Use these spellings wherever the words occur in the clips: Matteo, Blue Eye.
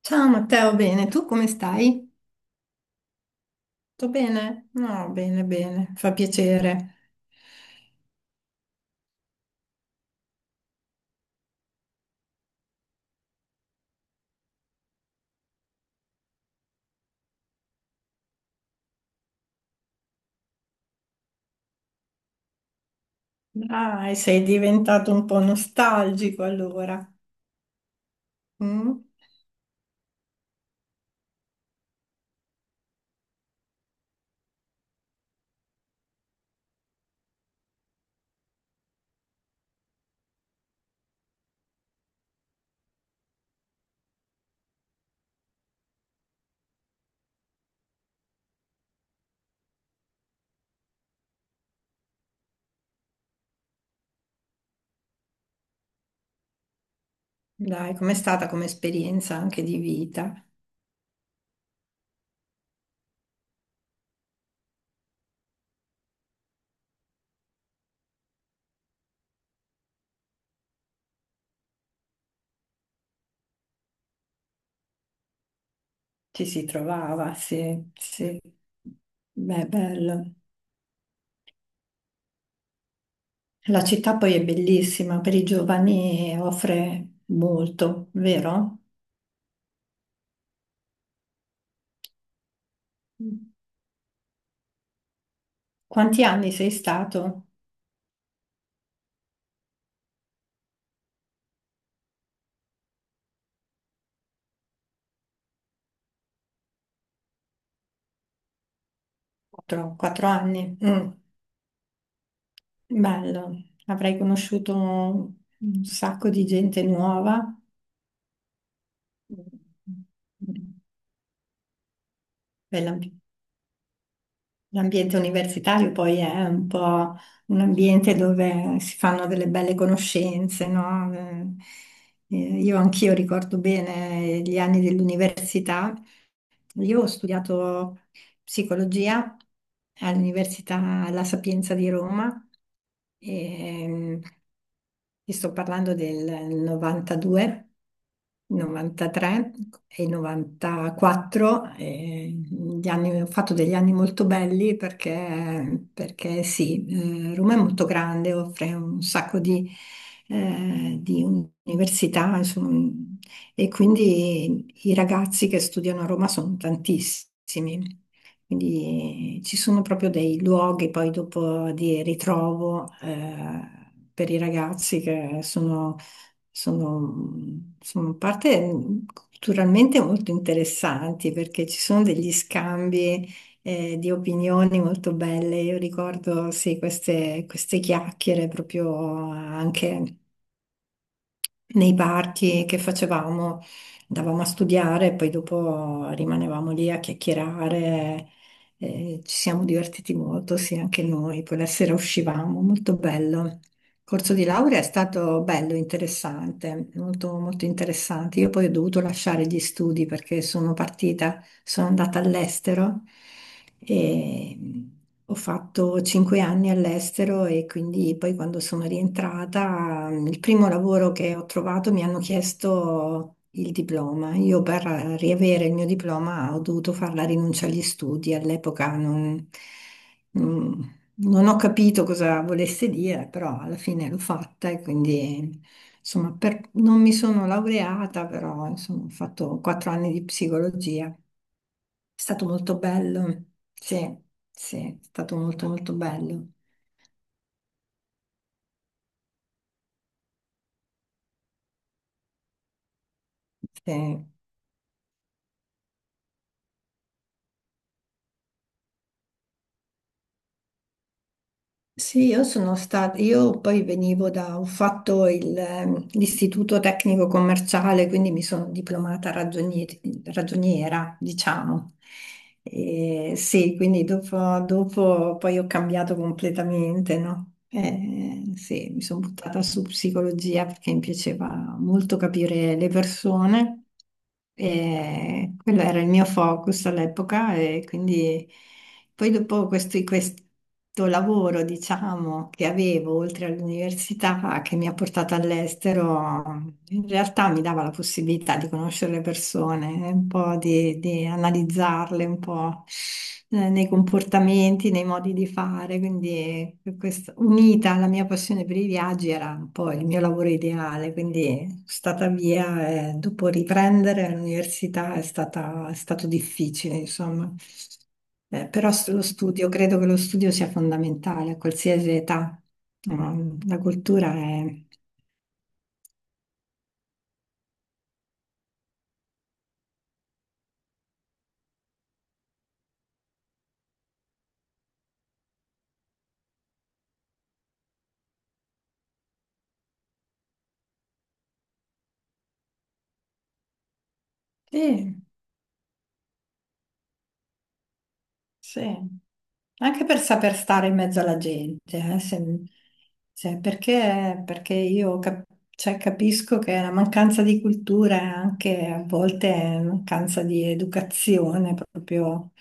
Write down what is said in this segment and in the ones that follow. Ciao Matteo, bene, tu come stai? Tutto bene? No, bene, bene, fa piacere. Dai, sei diventato un po' nostalgico allora. Mm? Dai, com'è stata come esperienza anche di vita? Ci si trovava, sì, sì. Beh, bello. La città poi è bellissima, per i giovani offre molto, vero? Quanti anni sei stato? Quattro anni. Mm. Bello, avrei conosciuto un sacco di gente nuova. Beh, l'ambiente universitario poi è un po' un ambiente dove si fanno delle belle conoscenze, no? Io anch'io ricordo bene gli anni dell'università. Io ho studiato psicologia all'Università La Sapienza di Roma. E, Ti sto parlando del 92, 93 e 94. Ho fatto degli anni molto belli perché, sì, Roma è molto grande, offre un sacco di università, insomma, e quindi i ragazzi che studiano a Roma sono tantissimi. Quindi ci sono proprio dei luoghi poi dopo di ritrovo, per i ragazzi che sono, sono parte culturalmente molto interessanti, perché ci sono degli scambi, di opinioni molto belle. Io ricordo sì, queste chiacchiere proprio anche nei party che facevamo, andavamo a studiare e poi dopo rimanevamo lì a chiacchierare. Ci siamo divertiti molto, sì, anche noi. Poi la sera uscivamo, molto bello. Il corso di laurea è stato bello, interessante, molto, molto interessante. Io poi ho dovuto lasciare gli studi perché sono partita, sono andata all'estero e ho fatto 5 anni all'estero, e quindi poi quando sono rientrata, il primo lavoro che ho trovato mi hanno chiesto il diploma. Io per riavere il mio diploma ho dovuto fare la rinuncia agli studi. All'epoca non ho capito cosa volesse dire, però alla fine l'ho fatta e quindi... Insomma, per- non mi sono laureata, però insomma, ho fatto 4 anni di psicologia. È stato molto bello, sì, sì, è stato molto molto bello. Sì. Sì, io sono stata, io poi venivo da, ho fatto il, l'istituto tecnico commerciale, quindi mi sono diplomata ragioniera, diciamo. E sì, quindi dopo, dopo poi ho cambiato completamente, no? Sì, mi sono buttata su psicologia perché mi piaceva molto capire le persone, e quello era il mio focus all'epoca e quindi... Poi dopo questo lavoro, diciamo, che avevo oltre all'università, che mi ha portato all'estero, in realtà mi dava la possibilità di conoscere le persone, un po' di, analizzarle un po', nei comportamenti, nei modi di fare. Quindi, unita alla mia passione per i viaggi era un po' il mio lavoro ideale. Quindi sono stata via, e dopo riprendere l'università è stato difficile, insomma. Però lo studio, credo che lo studio sia fondamentale a qualsiasi età. No, la cultura è... Sì. Sì. Anche per saper stare in mezzo alla gente. Perché, io cioè, capisco che la mancanza di cultura è anche a volte è mancanza di educazione, proprio,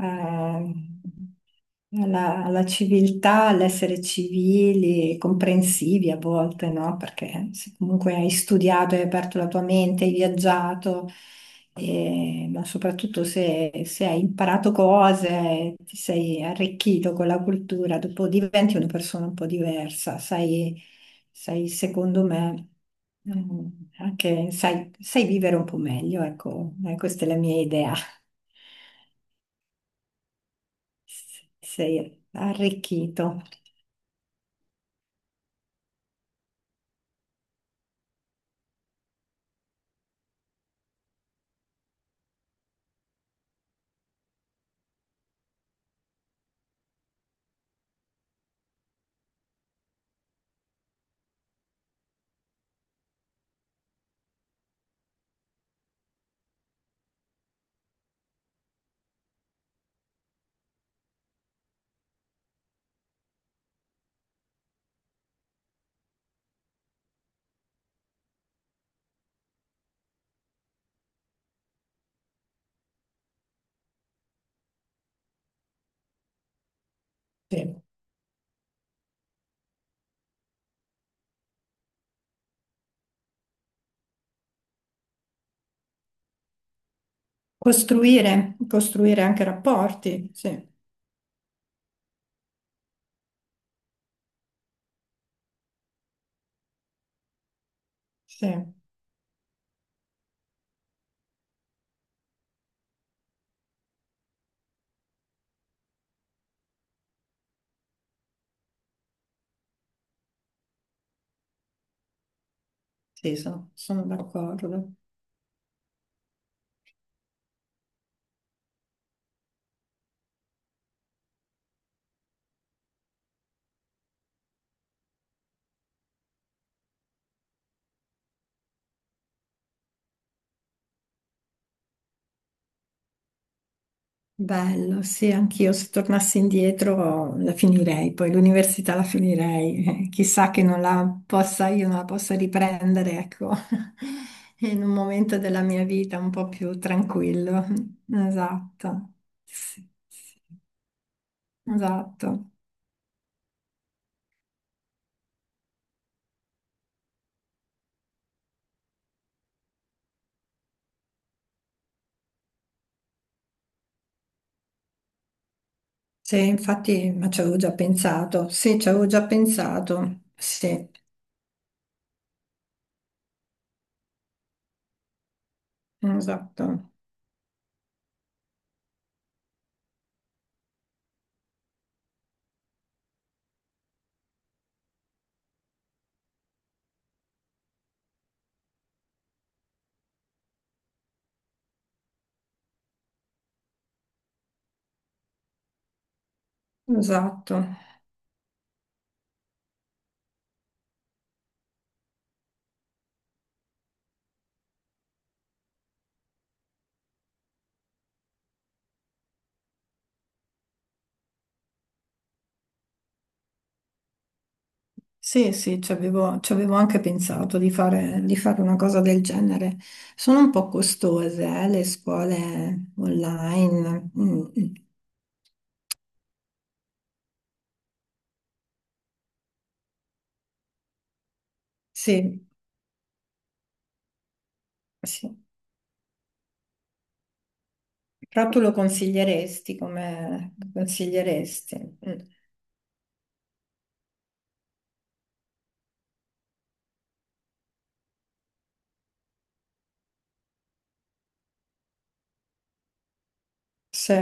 eh, alla, civiltà, all'essere civili e comprensivi a volte, no? Perché se comunque hai studiato, hai aperto la tua mente, hai viaggiato. E- ma soprattutto se hai imparato cose, ti sei arricchito con la cultura, dopo diventi una persona un po' diversa, sai, sai, secondo me, anche sai, sai vivere un po' meglio, ecco. Eh, questa è la mia idea. Sei arricchito. Sì. Costruire, costruire anche rapporti, sì, sì, sì, sono d'accordo. Bello, sì, anch'io se tornassi indietro la finirei, poi l'università la finirei, chissà che non la possa, io non la possa riprendere, ecco, in un momento della mia vita un po' più tranquillo. Esatto, sì, sì, esatto. Sì, infatti, ma ci avevo già pensato, sì, ci avevo già pensato, sì, esatto, esatto. Sì, sì, ci avevo anche pensato di fare, una cosa del genere. Sono un po' costose, le scuole online. Mm, mm. Sì, sì. Però tu lo consiglieresti, come lo consiglieresti? Mm. Sì,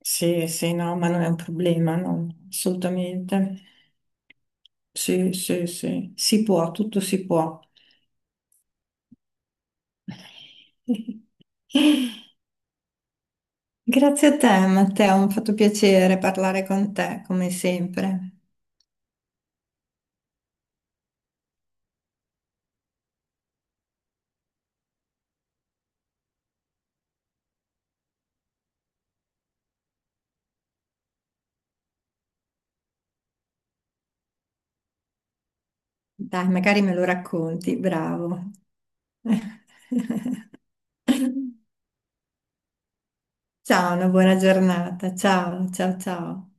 sì, sì, no, ma non è un problema, no, assolutamente. Sì, sì, sì, si può, tutto si può. Grazie a te, Matteo, mi ha fatto piacere parlare con te, come sempre. Dai, magari me lo racconti, bravo. Ciao, una buona giornata. Ciao, ciao, ciao.